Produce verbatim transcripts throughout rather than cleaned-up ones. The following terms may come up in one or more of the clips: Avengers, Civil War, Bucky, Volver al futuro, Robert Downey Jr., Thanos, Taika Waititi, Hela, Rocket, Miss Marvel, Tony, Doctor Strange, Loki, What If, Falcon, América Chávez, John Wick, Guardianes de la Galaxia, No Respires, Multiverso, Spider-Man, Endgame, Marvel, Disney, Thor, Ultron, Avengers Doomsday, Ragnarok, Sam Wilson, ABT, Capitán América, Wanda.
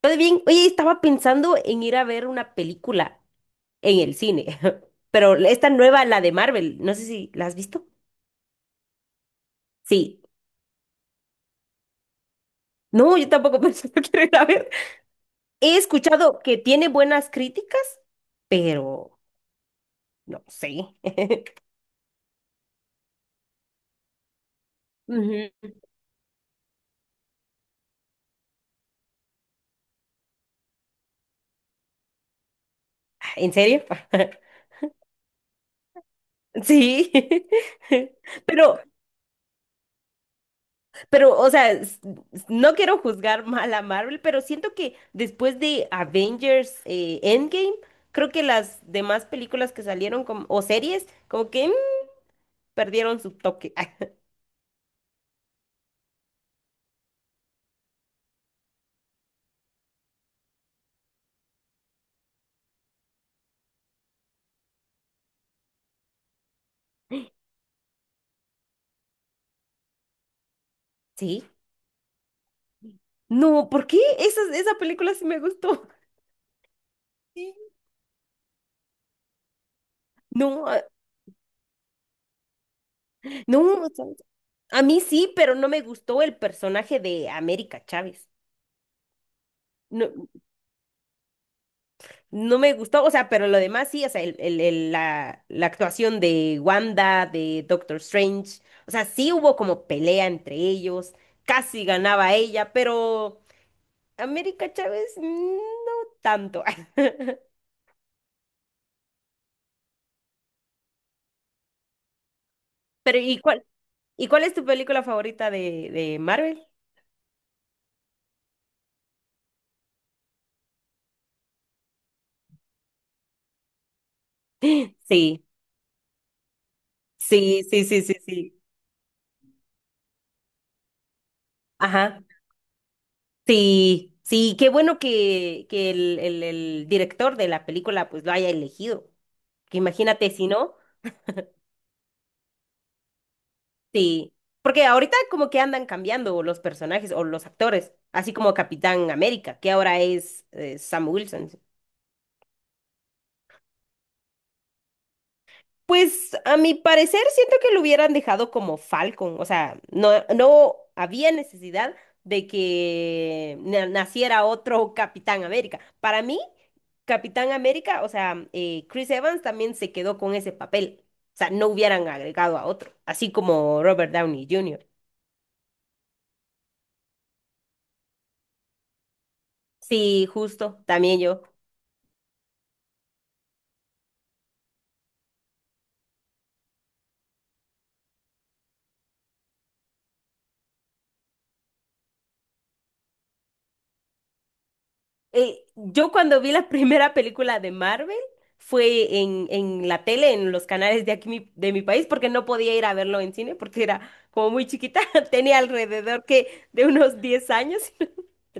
Todo bien, oye, estaba pensando en ir a ver una película en el cine, pero esta nueva, la de Marvel, no sé si la has visto. Sí, no, yo tampoco pensé que quiero ir a ver. He escuchado que tiene buenas críticas, pero no sé. Ujú. ¿En serio? Sí, pero Pero, o sea, s- no quiero juzgar mal a Marvel, pero siento que después de Avengers eh, Endgame, creo que las demás películas que salieron como- o series, como que mm, perdieron su toque. Ah, sí. No, ¿por qué? Esa, esa película sí me gustó. Sí. No, a- no, ¿sabes? A mí sí, pero no me gustó el personaje de América Chávez. No, No me gustó, o sea, pero lo demás sí, o sea, el, el- el- la, la actuación de Wanda, de Doctor Strange, o sea, sí hubo como pelea entre ellos, casi ganaba ella, pero América Chávez mm, no tanto. Pero ¿y cuál, y cuál es tu película favorita de, de Marvel? Sí, sí, sí, sí, sí, sí. Ajá. Sí, sí, qué bueno que, que el, el, el director de la película pues lo haya elegido. Que imagínate si no. Sí, porque ahorita como que andan cambiando los personajes o los actores, así como Capitán América, que ahora es eh, Sam Wilson. Pues a mi parecer siento que lo hubieran dejado como Falcon, o sea, no, no había necesidad de que na- naciera otro Capitán América. Para mí, Capitán América, o sea, eh, Chris Evans también se quedó con ese papel, o sea, no hubieran agregado a otro, así como Robert Downey junior Sí, justo, también yo. Eh, yo cuando vi la primera película de Marvel fue en, en la tele, en los canales de aquí mi- de mi país, porque no podía ir a verlo en cine porque era como muy chiquita, tenía alrededor que de unos diez años.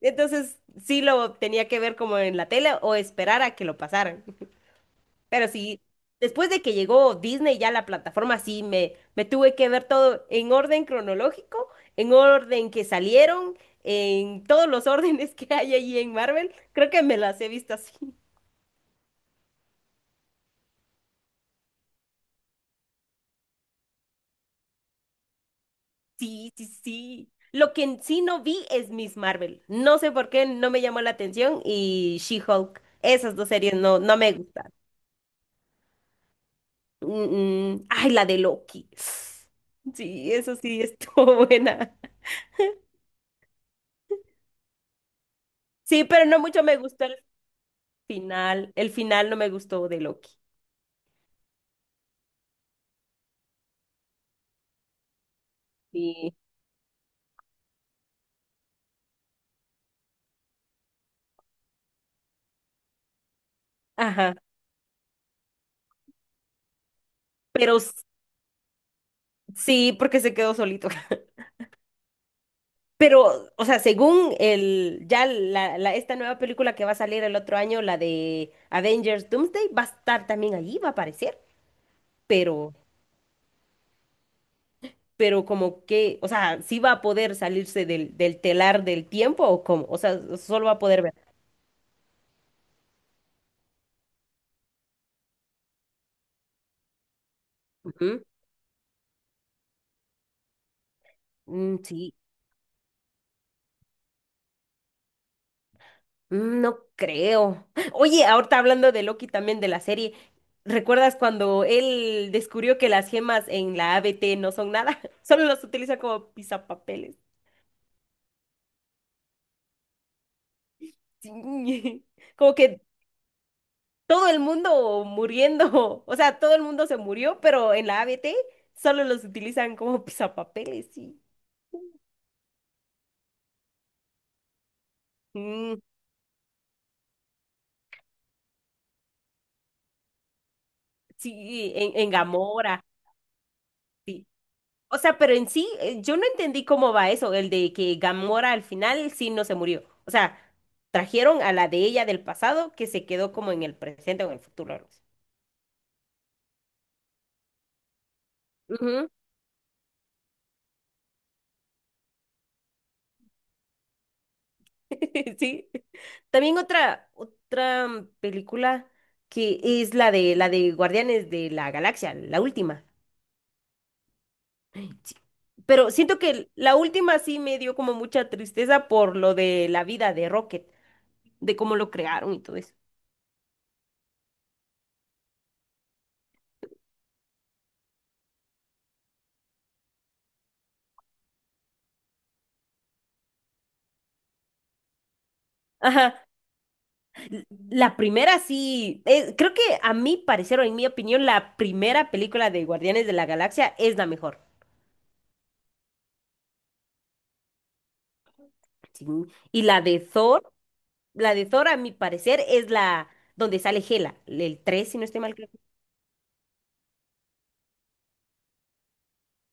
Entonces sí lo tenía que ver como en la tele o esperar a que lo pasaran. Pero sí, después de que llegó Disney ya a la plataforma, sí, me, me tuve que ver todo en orden cronológico, en orden que salieron, en todos los órdenes que hay ahí en Marvel. Creo que me las he visto así. Sí, sí, sí. Lo que en sí no vi es Miss Marvel. No sé por qué no me llamó la atención y She-Hulk. Esas dos series no, no me gustan. Mm, mm. Ay, la de Loki. Sí, eso sí estuvo buena. Sí, pero no mucho me gustó. final, el final no me gustó de Loki. Sí. Ajá, pero s- sí, porque se quedó solito. Pero, o sea, según el, ya la, la- esta nueva película que va a salir el otro año, la de Avengers Doomsday, va a estar también allí, va a aparecer, pero, pero como que, o sea, sí va a poder salirse del, del telar del tiempo o cómo o sea, solo va a poder ver. Ujú. Mm, sí. Mm, No creo. Oye, ahorita hablando de Loki también de la serie, ¿recuerdas cuando él descubrió que las gemas en la A B T no son nada? Solo las utiliza como pisapapeles. Sí. Como que todo el mundo muriendo. O sea, todo el mundo se murió, pero en la A B T solo los utilizan como pisapapeles, sí. Mm, sí, en, en Gamora. Sí. O sea, pero en sí, eh, yo no entendí cómo va eso, el de que Gamora al final sí no se murió. O sea, trajeron a la de ella del pasado que se quedó como en el presente o en el futuro. Algo así. Ujú. Sí. También otra, otra mm, película que es la de la de Guardianes de la Galaxia, la última. Sí. Pero siento que la última sí me dio como mucha tristeza por lo de la vida de Rocket, de cómo lo crearon y todo eso. Ajá. L- La primera sí, eh, creo que a mi parecer o en mi opinión, la primera película de Guardianes de la Galaxia es la mejor. Sí. Y la de Thor, la de Thor a mi parecer es la donde sale Hela, el tres si no estoy mal. Creo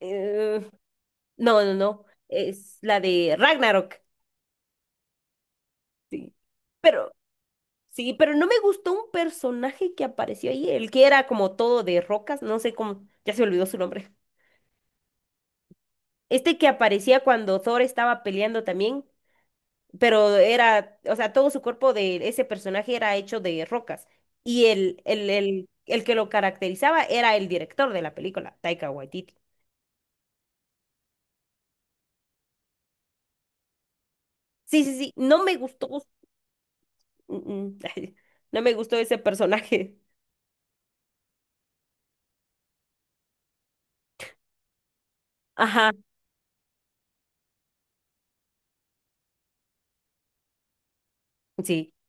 eh, no, no, no, es la de Ragnarok. Sí. Pero sí, pero no me gustó un personaje que apareció ahí, el que era como todo de rocas, no sé cómo, ya se olvidó su nombre. Este que aparecía cuando Thor estaba peleando también. Pero era, o sea, todo su cuerpo de ese personaje era hecho de rocas. Y el, el, el, el que lo caracterizaba era el director de la película, Taika Waititi. Sí, sí, sí, no me gustó, mm, mm, no me gustó ese personaje. Ajá, sí.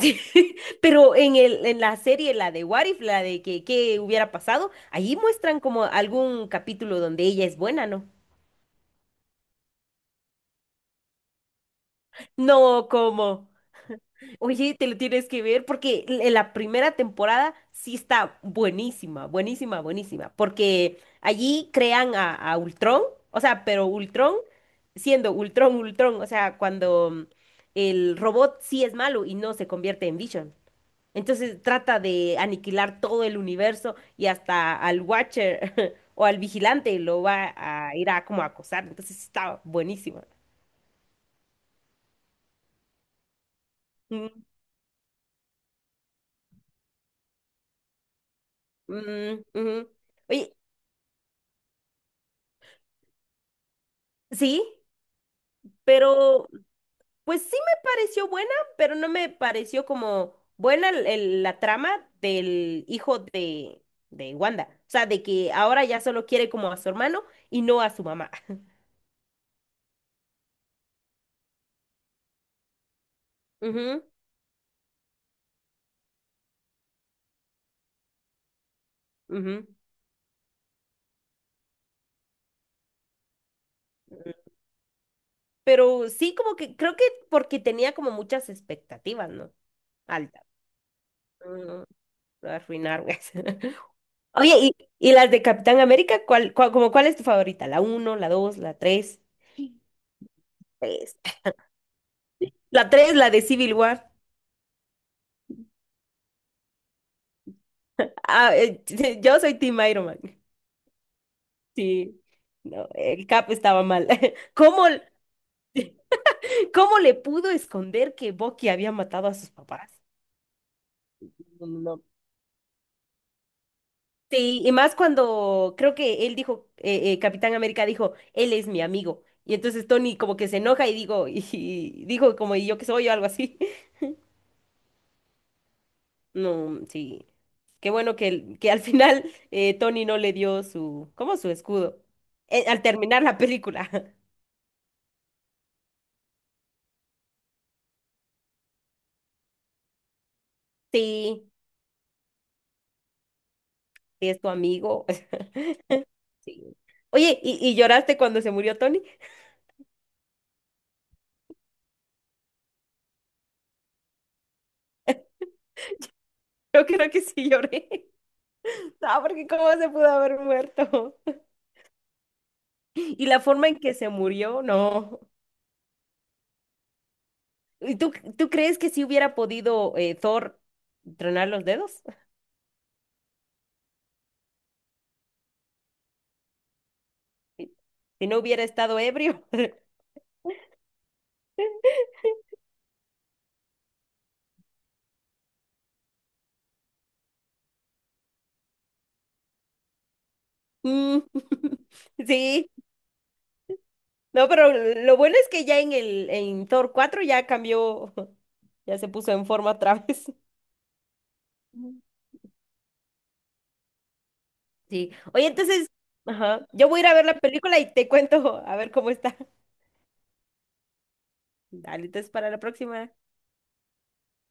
Sí, Pero en el, en la serie, la de What If, la de que, qué hubiera pasado, allí muestran como algún capítulo donde ella es buena, ¿no? No, como... Oye, te lo tienes que ver porque l- la primera temporada sí está buenísima, buenísima, buenísima, porque allí crean a, a Ultron, o sea, pero Ultron siendo Ultron, Ultron, o sea, cuando mm, el robot sí es malo y no se convierte en Vision. Entonces trata de aniquilar todo el universo y hasta al Watcher o al vigilante lo va a ir a como a acosar, entonces sí está buenísima. Mm, mm, ujú. Oye, sí. Pero Pues sí me pareció buena, pero no me pareció como buena el- el- la trama del hijo de, de Wanda. O sea, de que ahora ya solo quiere como a su hermano y no a su mamá. Ujú, ujú. Pero sí, como que creo que porque tenía como muchas expectativas, ¿no? Altas. Mm, lo arruinaron. Oye, ¿y, y las de Capitán América? ¿Cuál, cuál- como cuál es tu favorita? ¿La uno, la dos, la tres? Tres. La tres, la de Civil War. Ah, eh, yo soy Team Iron Man. Sí, no, el Cap estaba mal. ¿Cómo, cómo le pudo esconder que Bucky había matado a sus papás? No, no, no. Sí, y más cuando creo que él dijo, eh, eh, Capitán América dijo, él es mi amigo. Y entonces Tony como que se enoja y digo, y, y dijo como "¿Y yo que soy? O algo así. No, sí. Qué bueno que, el- que al final eh, Tony no le dio su, ¿cómo su escudo? Eh, al terminar la película. Sí, sí es tu amigo. Sí. Oye, ¿y, y lloraste cuando se murió Tony? Yo creo que sí lloré. No, porque cómo se pudo haber muerto. Y la forma en que se murió, no. ¿Y tú, tú crees que si hubiera podido eh, Thor tronar los dedos? Si no hubiera estado ebrio. Mm, sí, no, pero lo bueno es que ya en el en Thor cuatro ya cambió, ya se puso en forma otra vez. Sí. Oye, entonces, ajá, yo voy a ir a ver la película y te cuento a ver cómo está. Dale, entonces para la próxima.